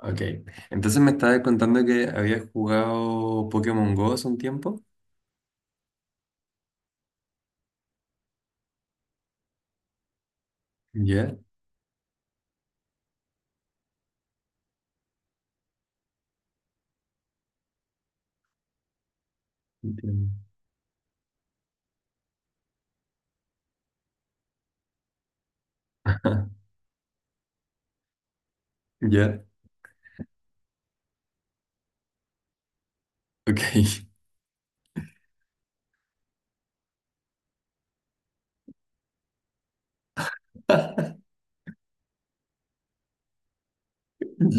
Ok. Entonces me estabas contando que habías jugado Pokémon Go hace un tiempo. Ya, entiendo. Ya, ok.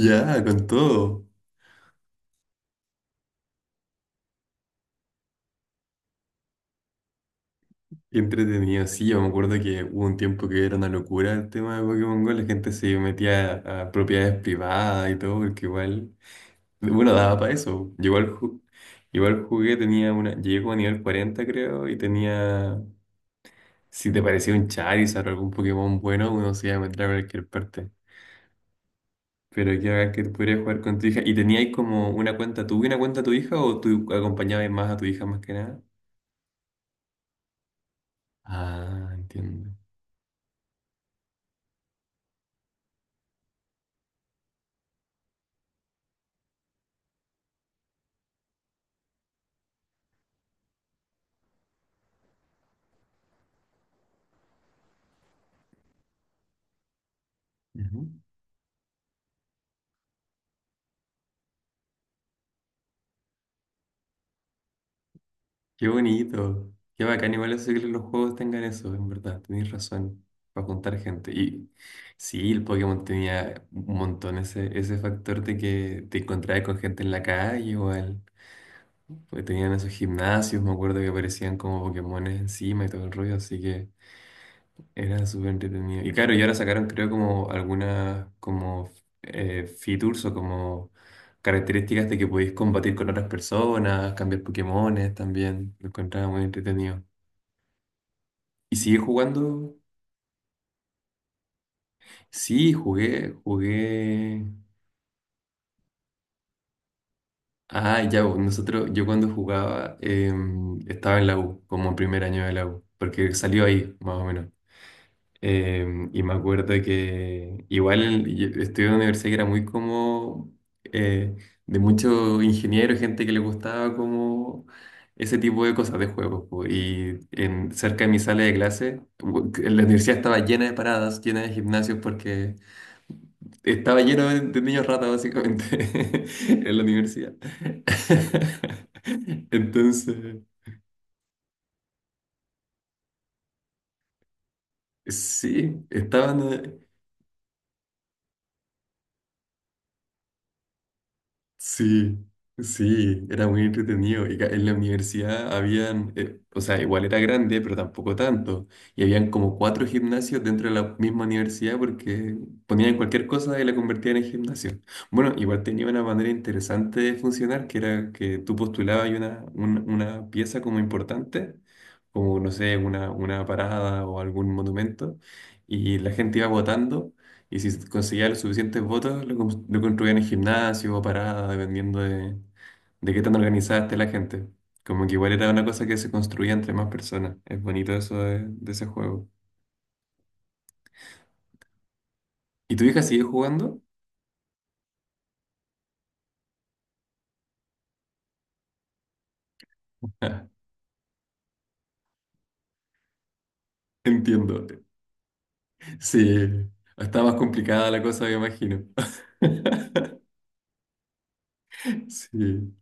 Ya, con todo. Qué entretenido. Sí, yo me acuerdo que hubo un tiempo que era una locura el tema de Pokémon Go. La gente se metía a propiedades privadas y todo, porque igual, bueno, daba para eso. Yo igual, igual jugué, tenía una, llegué como a nivel 40 creo, y tenía, si te parecía un Charizard o algún Pokémon bueno, uno se iba a meter a cualquier parte. Pero qué hagas que pudieras jugar con tu hija. ¿Y teníais como una cuenta tú y una cuenta tu hija o tú acompañabas más a tu hija más que nada? Ah, entiendo. Ujú. Qué bonito. Qué bacán. Igual eso que los juegos tengan eso, en verdad. Tenéis razón. Para juntar gente. Y sí, el Pokémon tenía un montón ese factor de que te encontrabas con gente en la calle igual. Porque tenían esos gimnasios, me acuerdo que aparecían como Pokémones encima y todo el rollo, así que. Era súper entretenido. Y claro, y ahora sacaron creo como algunas como features o como características de que podéis combatir con otras personas, cambiar Pokémones también. Lo encontraba muy entretenido. ¿Y sigue jugando? Sí, jugué, jugué. Ah, ya, bo, nosotros, yo cuando jugaba estaba en la U, como en primer año de la U, porque salió ahí, más o menos. Y me acuerdo que igual yo estuve en una universidad que era muy como eh, de muchos ingenieros, gente que le gustaba como ese tipo de cosas de juegos. Po. Y cerca de mi sala de clase, que la universidad estaba llena de paradas, llena de gimnasios, porque estaba lleno de niños ratas básicamente en la universidad. Entonces, sí, estaban Sí, sí, era muy entretenido. Y en la universidad habían, o sea, igual era grande, pero tampoco tanto. Y habían como cuatro gimnasios dentro de la misma universidad porque ponían cualquier cosa y la convertían en gimnasio. Bueno, igual tenía una manera interesante de funcionar, que era que tú postulabas y una pieza como importante, como, no sé, una parada o algún monumento, y la gente iba votando. Y si conseguía los suficientes votos, lo construían en gimnasio o parada, dependiendo de qué tan organizada esté la gente. Como que igual era una cosa que se construía entre más personas. Es bonito eso de ese juego. ¿Y tu hija sigue jugando? Ah, entiendo. Sí, está más complicada la cosa, me imagino. Sí,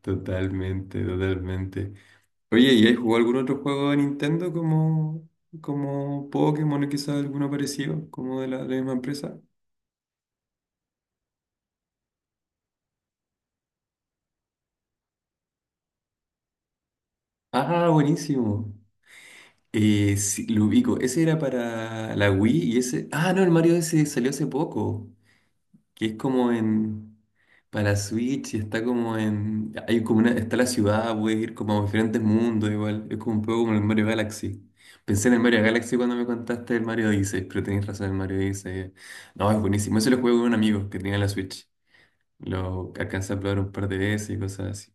totalmente, totalmente. Oye, ¿y has jugado algún otro juego de Nintendo como Pokémon o quizás alguno parecido, como de la misma empresa? Ah, buenísimo. Sí, lo ubico. Ese era para la Wii y ese. Ah, no, el Mario ese salió hace poco. Que es como en. Para Switch y está como en. Hay como una. Está la ciudad, puedes ir como a diferentes mundos igual. Es como un poco como el Mario Galaxy. Pensé en el Mario Galaxy cuando me contaste el Mario Odyssey, pero tenés razón, el Mario Odyssey. No, es buenísimo. Ese lo jugué con un amigo que tenía la Switch. Lo alcancé a probar un par de veces y cosas así.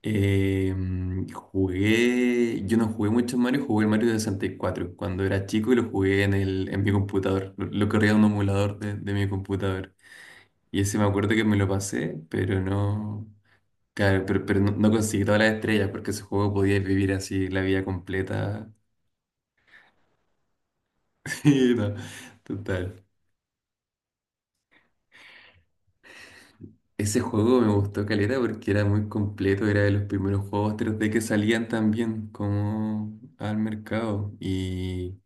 Yo no jugué mucho Mario, jugué el Mario de 64 cuando era chico y lo jugué en mi computador. Lo corría en un emulador de mi computador. Y ese me acuerdo que me lo pasé, pero no, claro, pero no, no conseguí todas las estrellas porque ese juego podía vivir así la vida completa. Sí, no, total. Ese juego me gustó caleta porque era muy completo, era de los primeros juegos 3D que salían también como al mercado y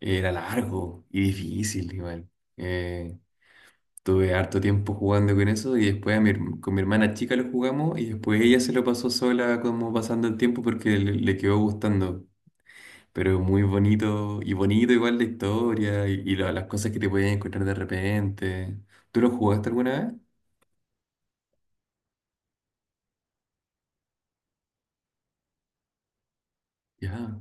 era largo y difícil igual. Eh, Tuve harto tiempo jugando con eso y después con mi hermana chica lo jugamos y después ella se lo pasó sola como pasando el tiempo porque le quedó gustando. Pero muy bonito y bonito igual la historia y las cosas que te podías encontrar de repente. ¿Tú lo jugaste alguna vez? Ya.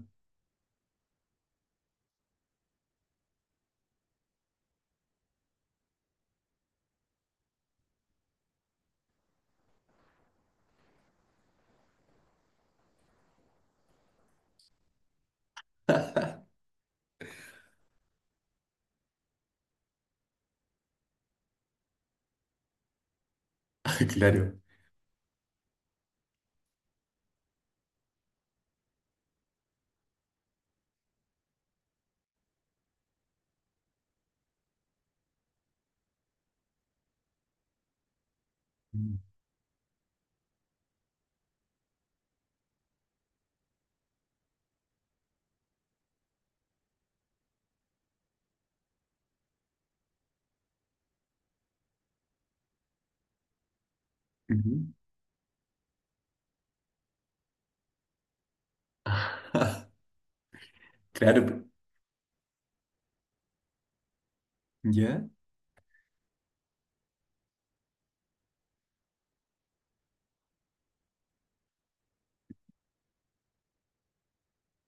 Claro. Mm. Ujú. Claro. po. ¿Ya?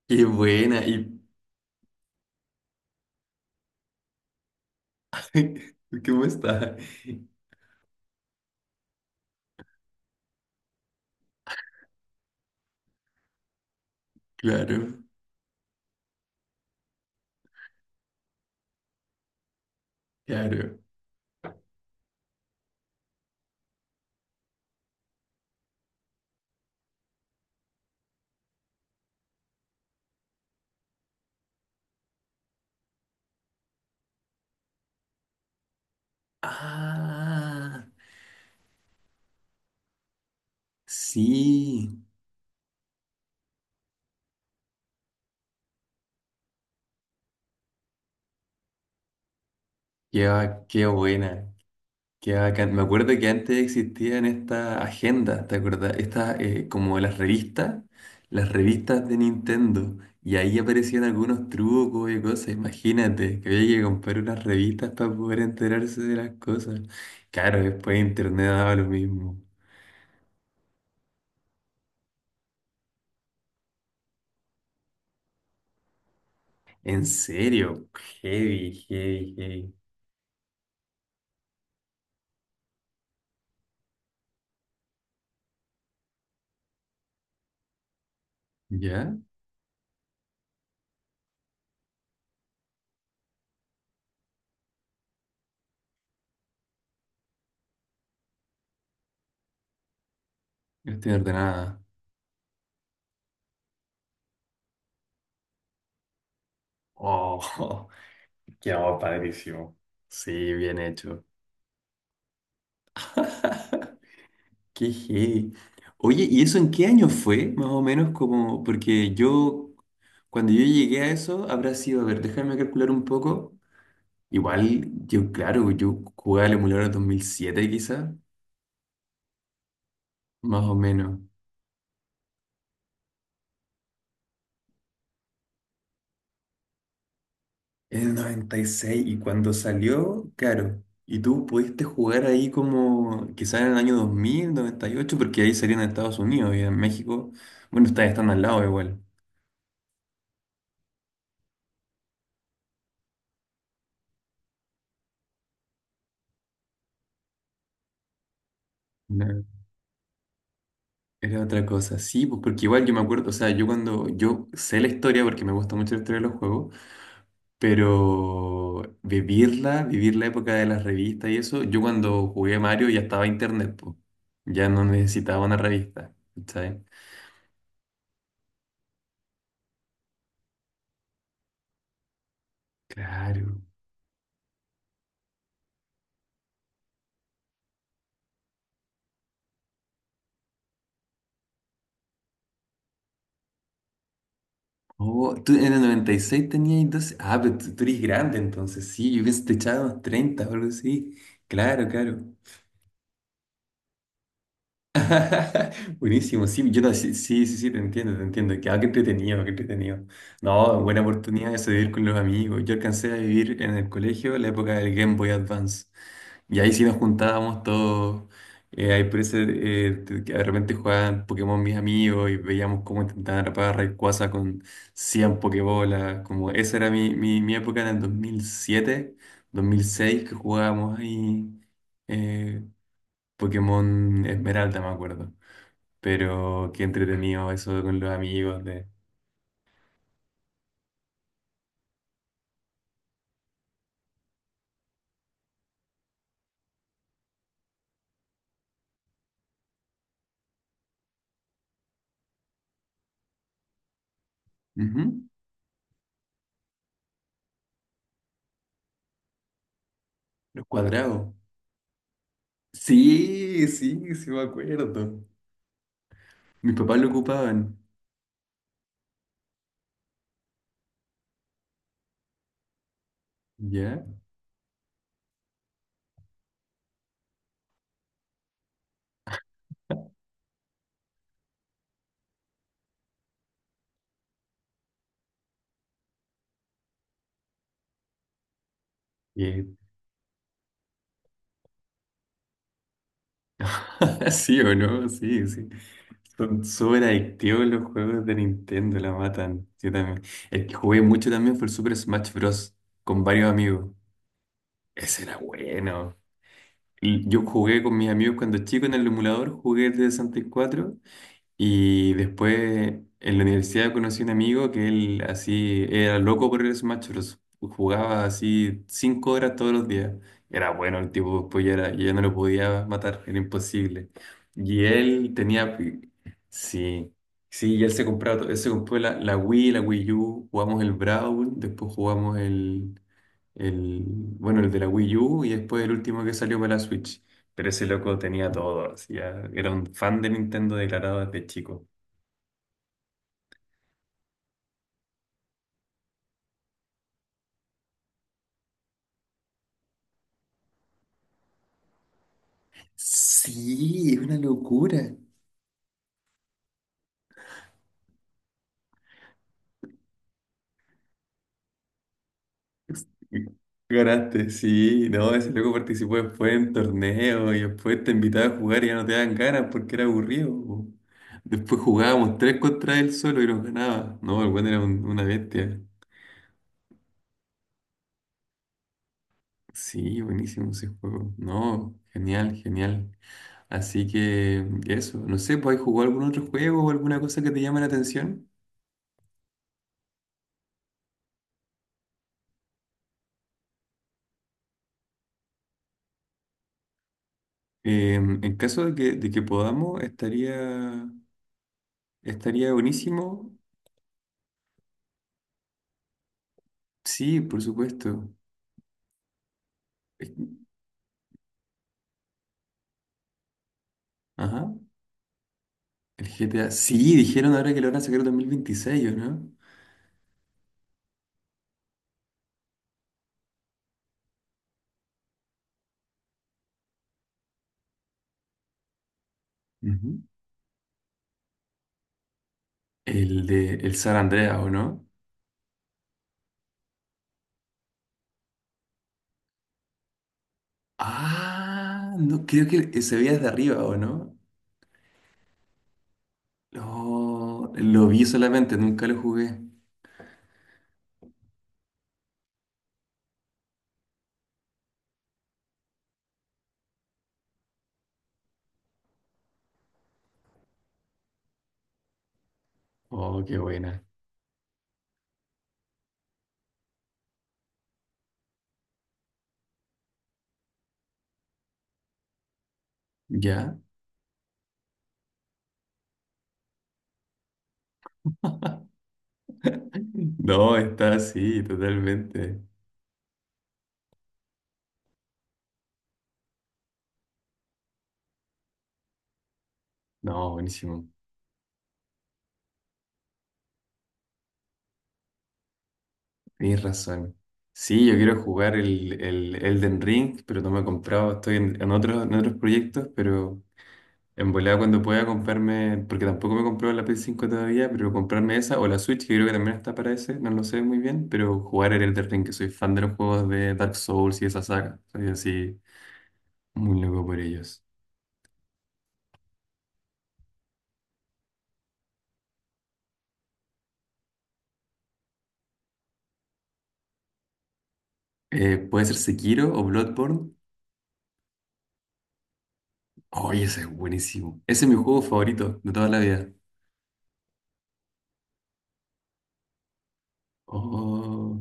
Qué buena. ¿Y cómo está? Claro, claro. Ah, sí, qué buena, qué bacán. Me acuerdo que antes existían estas agendas, ¿te acuerdas? Estas, como las revistas de Nintendo. Y ahí aparecían algunos trucos y cosas. Imagínate, que había que comprar unas revistas para poder enterarse de las cosas. Claro, después Internet daba lo mismo. En serio, heavy, heavy, heavy. ¿Ya? No estoy ordenada. Oh. Qué oh, padrísimo. Sí, bien hecho. Qué heavy. Oye, ¿y eso en qué año fue? Más o menos como, porque yo, cuando yo llegué a eso, habrá sido, a ver, déjame calcular un poco. Igual, yo, claro, yo jugué al emulador en 2007 quizá, más o menos. Es del 96 y seis y cuando salió, claro. Y tú pudiste jugar ahí como quizás en el año dos mil noventa y ocho porque ahí salían en Estados Unidos y en México. Bueno, ustedes están al lado igual. Era otra cosa, sí, pues porque igual yo me acuerdo, o sea, yo sé la historia porque me gusta mucho la historia de los juegos, pero vivirla, vivir la época de las revistas y eso, yo cuando jugué Mario ya estaba internet, pues, ya no necesitaba una revista, ¿sabes? Claro. Oh, tú en el 96 tenías 12, ah, pero tú, eres grande entonces, sí, yo pensé que te echaba unos 30 o algo así, claro, claro. Buenísimo, sí, sí, sí, sí, sí, te entiendo, te entiendo. Que, ah, qué entretenido, qué entretenido. No, buena oportunidad de salir con los amigos. Yo alcancé a vivir en el colegio la época del Game Boy Advance. Y ahí sí nos juntábamos todos. Ahí por ese, que de repente jugaban Pokémon mis amigos y veíamos cómo intentaban atrapar a Rayquaza con 100 Pokébolas. Como esa era mi época en el 2007, 2006, que jugábamos ahí eh, Pokémon Esmeralda, me acuerdo. Pero qué entretenido eso con los amigos de. Ujú. Los cuadrados. Sí, sí, sí me acuerdo. Mis papás lo ocupaban. ¿Ya? Eh, ¿Sí o no? Sí, sí. Son súper adictivos los juegos de Nintendo, la matan. Yo también. El que jugué mucho también fue el Super Smash Bros. Con varios amigos. Ese era bueno. Y yo jugué con mis amigos cuando chico en el emulador, jugué el de 64. Y después en la universidad conocí a un amigo que él así era loco por el Smash Bros. Jugaba así 5 horas todos los días. Era bueno el tipo, después ya, ya no lo podía matar, era imposible. Y él tenía. Sí, sí, y él él se compró la Wii, la Wii U, jugamos el Brawl, después jugamos el, de la Wii U y después el último que salió para la Switch. Pero ese loco tenía todo, así, ya era un fan de Nintendo declarado desde chico. Sí, es una locura. Ganaste, sí, no, ese loco participó después en torneos y después te invitaba a jugar y ya no te daban ganas porque era aburrido. Po. Después jugábamos tres contra él solo y nos ganaba. No, el buen era una bestia. Sí, buenísimo ese juego. No, genial, genial. Así que eso, no sé, pues ¿jugó algún otro juego o alguna cosa que te llame la atención? En caso de que, podamos, estaría buenísimo. Sí, por supuesto. Es- Ajá. El GTA. Sí, dijeron ahora que lo van a sacar en 2026, ¿o no? Ujú. El de el San Andreas, ¿o no? Ah, no, creo que se veía desde arriba, ¿o no? No, lo vi solamente, nunca lo jugué. Oh, qué buena. ¿Ya? No, está así, totalmente. No, buenísimo. Tienes razón. Sí, yo quiero jugar el Elden Ring, pero no me he comprado. Estoy en otros, en otros proyectos, pero en volada cuando pueda comprarme, porque tampoco me compró la PS5 todavía, pero comprarme esa o la Switch, que creo que también está para ese, no lo sé muy bien, pero jugar el Elden Ring, que soy fan de los juegos de Dark Souls y esa saga. Soy así muy loco por ellos. Puede ser Sekiro o Bloodborne. Oye, ese es buenísimo. Ese es mi juego favorito de toda la vida. Oh.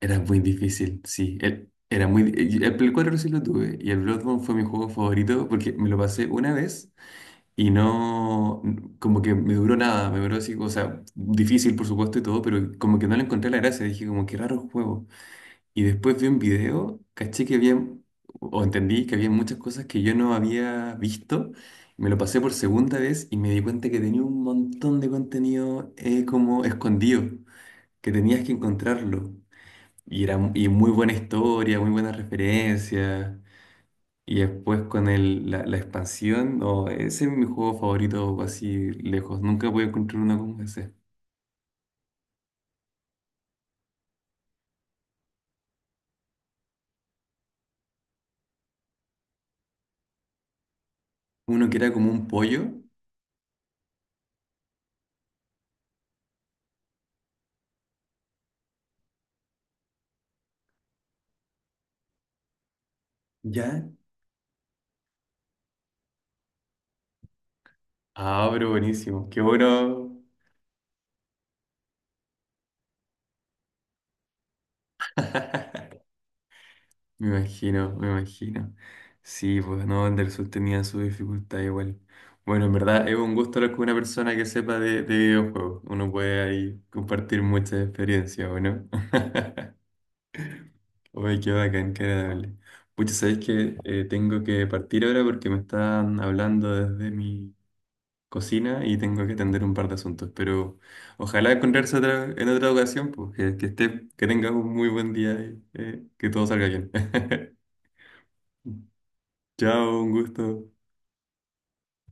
Era muy difícil, sí. El Play 4 sí lo tuve y el Bloodborne fue mi juego favorito porque me lo pasé una vez y no, como que me duró nada, me duró así, o sea, difícil por supuesto y todo, pero como que no le encontré la gracia, dije como qué raro juego. Y después vi un video, caché que había, o entendí que había muchas cosas que yo no había visto, me lo pasé por segunda vez y me di cuenta que tenía un montón de contenido como escondido, que tenías que encontrarlo. Y muy buena historia, muy buenas referencias. Y después con la expansión, no, ese es mi juego favorito así lejos. Nunca voy a encontrar uno como ese. Uno que era como un pollo, ¿ya? Ah, pero buenísimo. Qué bueno. Me imagino, me imagino. Sí, pues no, Anderson tenía su dificultad igual. Bueno, en verdad es un gusto hablar con una persona que sepa de videojuegos. Uno puede ahí compartir muchas experiencias, ¿o no? Uy, qué bacán, qué agradable. Pucha, sabéis que tengo que partir ahora porque me están hablando desde mi cocina y tengo que atender un par de asuntos. Pero ojalá encontrarse otra, en otra ocasión, pues que, esté, que tengas un muy buen día y que todo salga bien. Chao, un gusto.